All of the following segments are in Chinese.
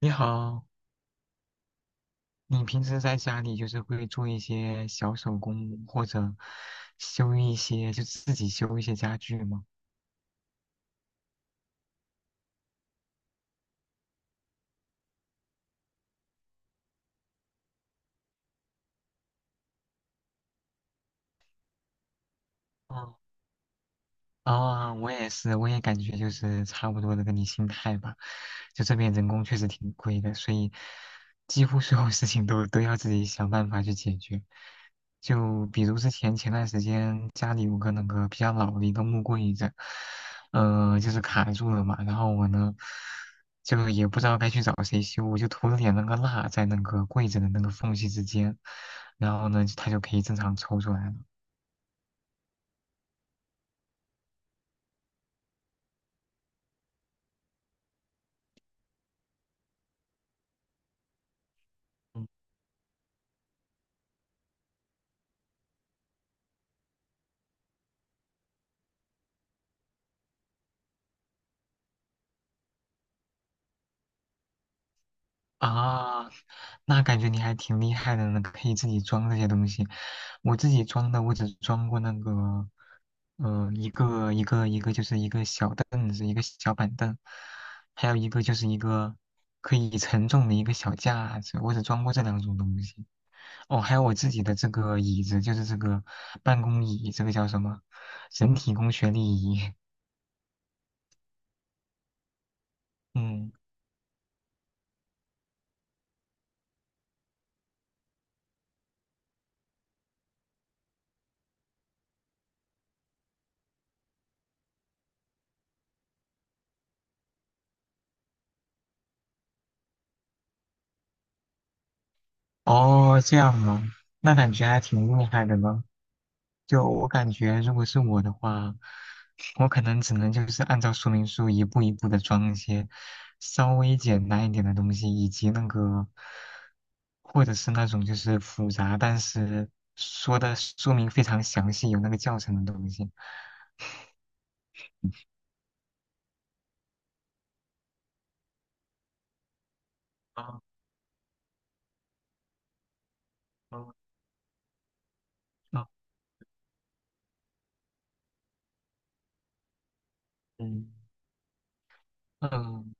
你好，你平时在家里就是会做一些小手工，或者修一些，就自己修一些家具吗？嗯啊，我也是，我也感觉就是差不多的跟你心态吧。就这边人工确实挺贵的，所以几乎所有事情都要自己想办法去解决。就比如之前前段时间家里有个那个比较老的一个木柜子，就是卡住了嘛，然后我呢就也不知道该去找谁修，我就涂了点那个蜡在那个柜子的那个缝隙之间，然后呢它就可以正常抽出来了。啊，那感觉你还挺厉害的呢，可以自己装这些东西。我自己装的，我只装过那个，呃，一个就是一个小凳子，一个小板凳，还有一个就是一个可以承重的一个小架子，我只装过这两种东西。哦，还有我自己的这个椅子，就是这个办公椅，这个叫什么？人体工学椅。嗯，哦，这样吗？那感觉还挺厉害的呢。就我感觉，如果是我的话，我可能只能就是按照说明书一步一步的装一些稍微简单一点的东西，以及那个，或者是那种就是复杂，但是说的说明非常详细，有那个教程的东西。啊啊啊嗯嗯。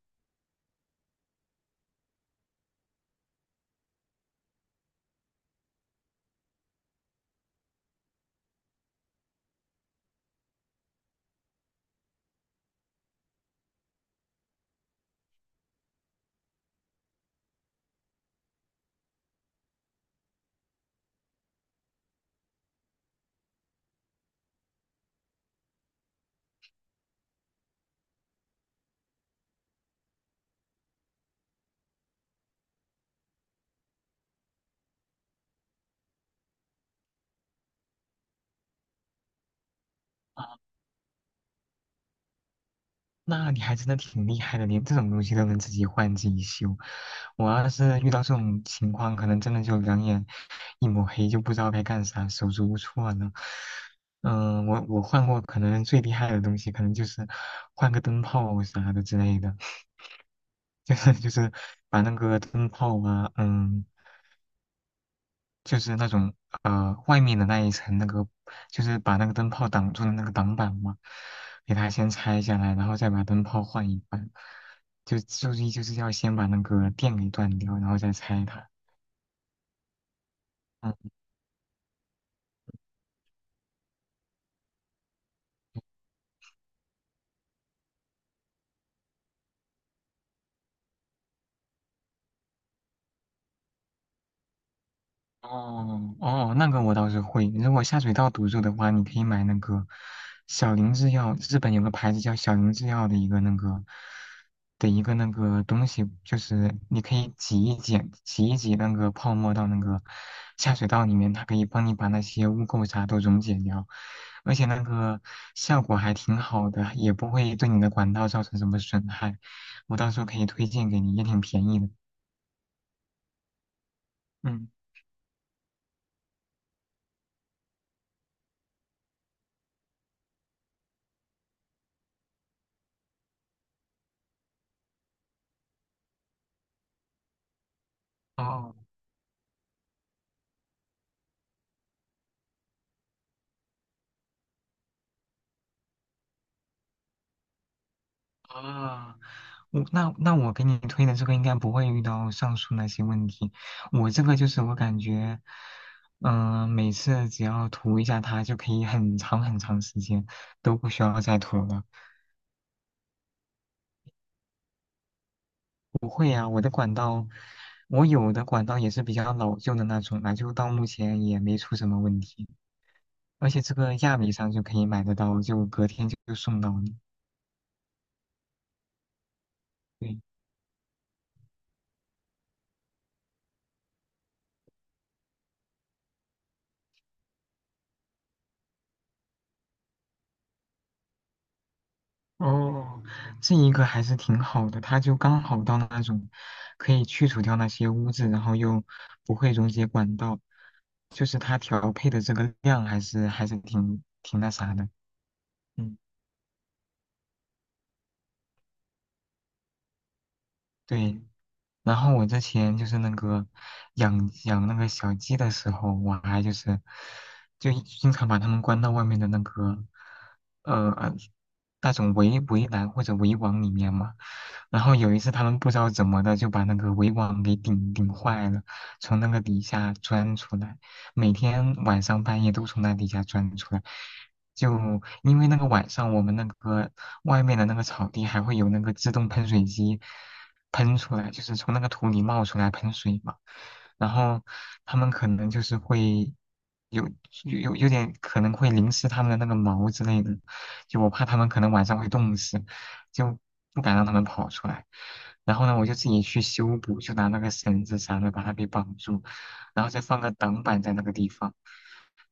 那你还真的挺厉害的，连这种东西都能自己换自己修。我要是遇到这种情况，可能真的就两眼一抹黑，就不知道该干啥，手足无措呢。嗯、我换过，可能最厉害的东西，可能就是换个灯泡啥的之类的，就是把那个灯泡啊，嗯，就是那种外面的那一层那个，就是把那个灯泡挡住的那个挡板嘛，给它先拆下来，然后再把灯泡换一换，就注意就是要先把那个电给断掉，然后再拆它。嗯哦哦，那个我倒是会。如果下水道堵住的话，你可以买那个小林制药，日本有个牌子叫小林制药的一个那个的一个那个东西，就是你可以挤一挤，挤一挤那个泡沫到那个下水道里面，它可以帮你把那些污垢啥都溶解掉，而且那个效果还挺好的，也不会对你的管道造成什么损害。我到时候可以推荐给你，也挺便宜的。嗯。哦。啊，我那我给你推的这个应该不会遇到上述那些问题。我这个就是我感觉，嗯、每次只要涂一下它就可以很长很长时间都不需要再涂了。不会啊，我的管道，我有的管道也是比较老旧的那种了，就到目前也没出什么问题。而且这个亚米上就可以买得到，就隔天就送到你。对哦，这一个还是挺好的，它就刚好到那种可以去除掉那些污渍，然后又不会溶解管道，就是它调配的这个量还是挺挺那啥的。嗯，对，然后我之前就是那个养那个小鸡的时候，我还就是就经常把它们关到外面的那个呃呃那种围栏或者围网里面嘛。然后有一次他们不知道怎么的就把那个围网给顶坏了，从那个底下钻出来，每天晚上半夜都从那底下钻出来。就因为那个晚上我们那个外面的那个草地还会有那个自动喷水机。喷出来，就是从那个土里冒出来喷水嘛。然后他们可能就是会有有有点可能会淋湿他们的那个毛之类的，就我怕他们可能晚上会冻死，就不敢让他们跑出来。然后呢，我就自己去修补，就拿那个绳子啥的把它给绑住，然后再放个挡板在那个地方。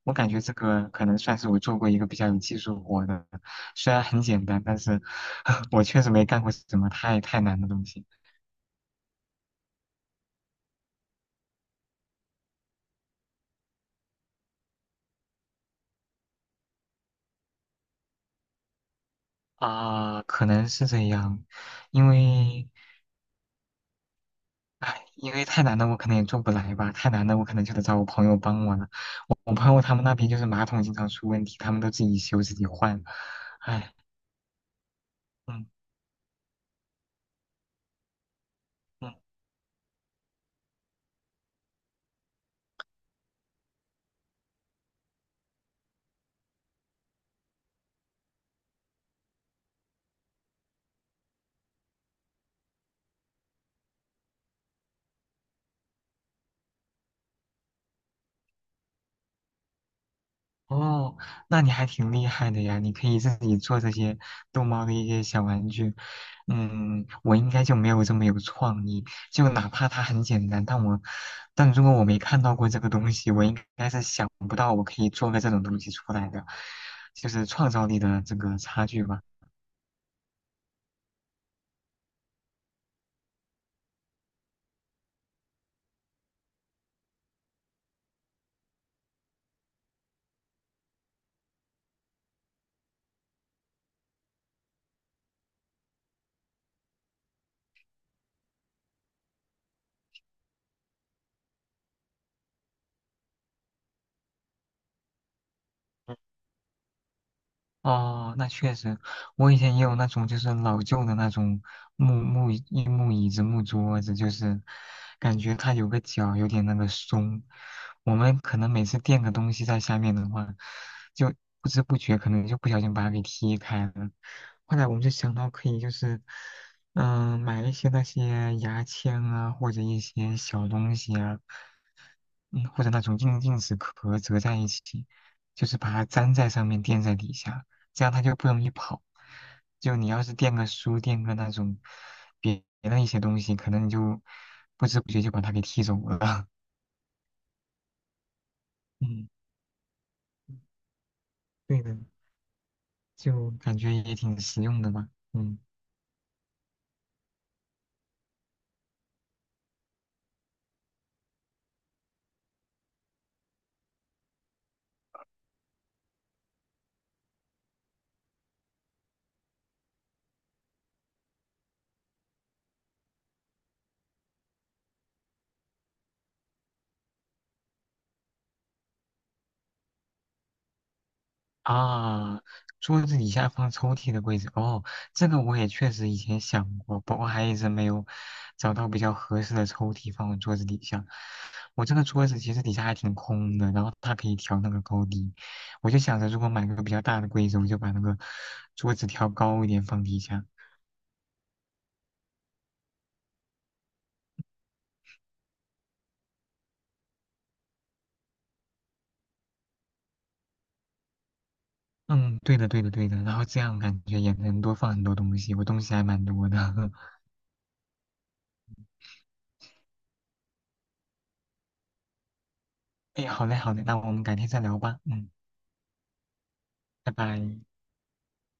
我感觉这个可能算是我做过一个比较有技术活的，虽然很简单，但是 我确实没干过什么太难的东西。啊，可能是这样，因为，哎，因为太难的我可能也做不来吧，太难的我可能就得找我朋友帮我了。我朋友他们那边就是马桶经常出问题，他们都自己修自己换，哎，嗯嗯哦，那你还挺厉害的呀！你可以自己做这些逗猫的一些小玩具。嗯，我应该就没有这么有创意。就哪怕它很简单，但我，但如果我没看到过这个东西，我应该是想不到我可以做个这种东西出来的，就是创造力的这个差距吧。哦，那确实，我以前也有那种就是老旧的那种木椅子、木桌子，就是感觉它有个角有点那个松。我们可能每次垫个东西在下面的话，就不知不觉可能就不小心把它给踢开了。后来我们就想到可以就是，嗯、买一些那些牙签啊，或者一些小东西啊，嗯，或者那种硬纸壳折在一起，就是把它粘在上面，垫在底下，这样它就不容易跑。就你要是垫个书，垫个那种别的一些东西，可能你就不知不觉就把它给踢走了。嗯，对的，就感觉也挺实用的吧。嗯。啊，桌子底下放抽屉的柜子，哦，这个我也确实以前想过，不过还一直没有找到比较合适的抽屉放我桌子底下。我这个桌子其实底下还挺空的，然后它可以调那个高低。我就想着，如果买个比较大的柜子，我就把那个桌子调高一点放底下。嗯，对的，对的，对的。然后这样感觉也能多放很多东西，我东西还蛮多的。哎，好嘞，好嘞，那我们改天再聊吧。嗯，拜拜。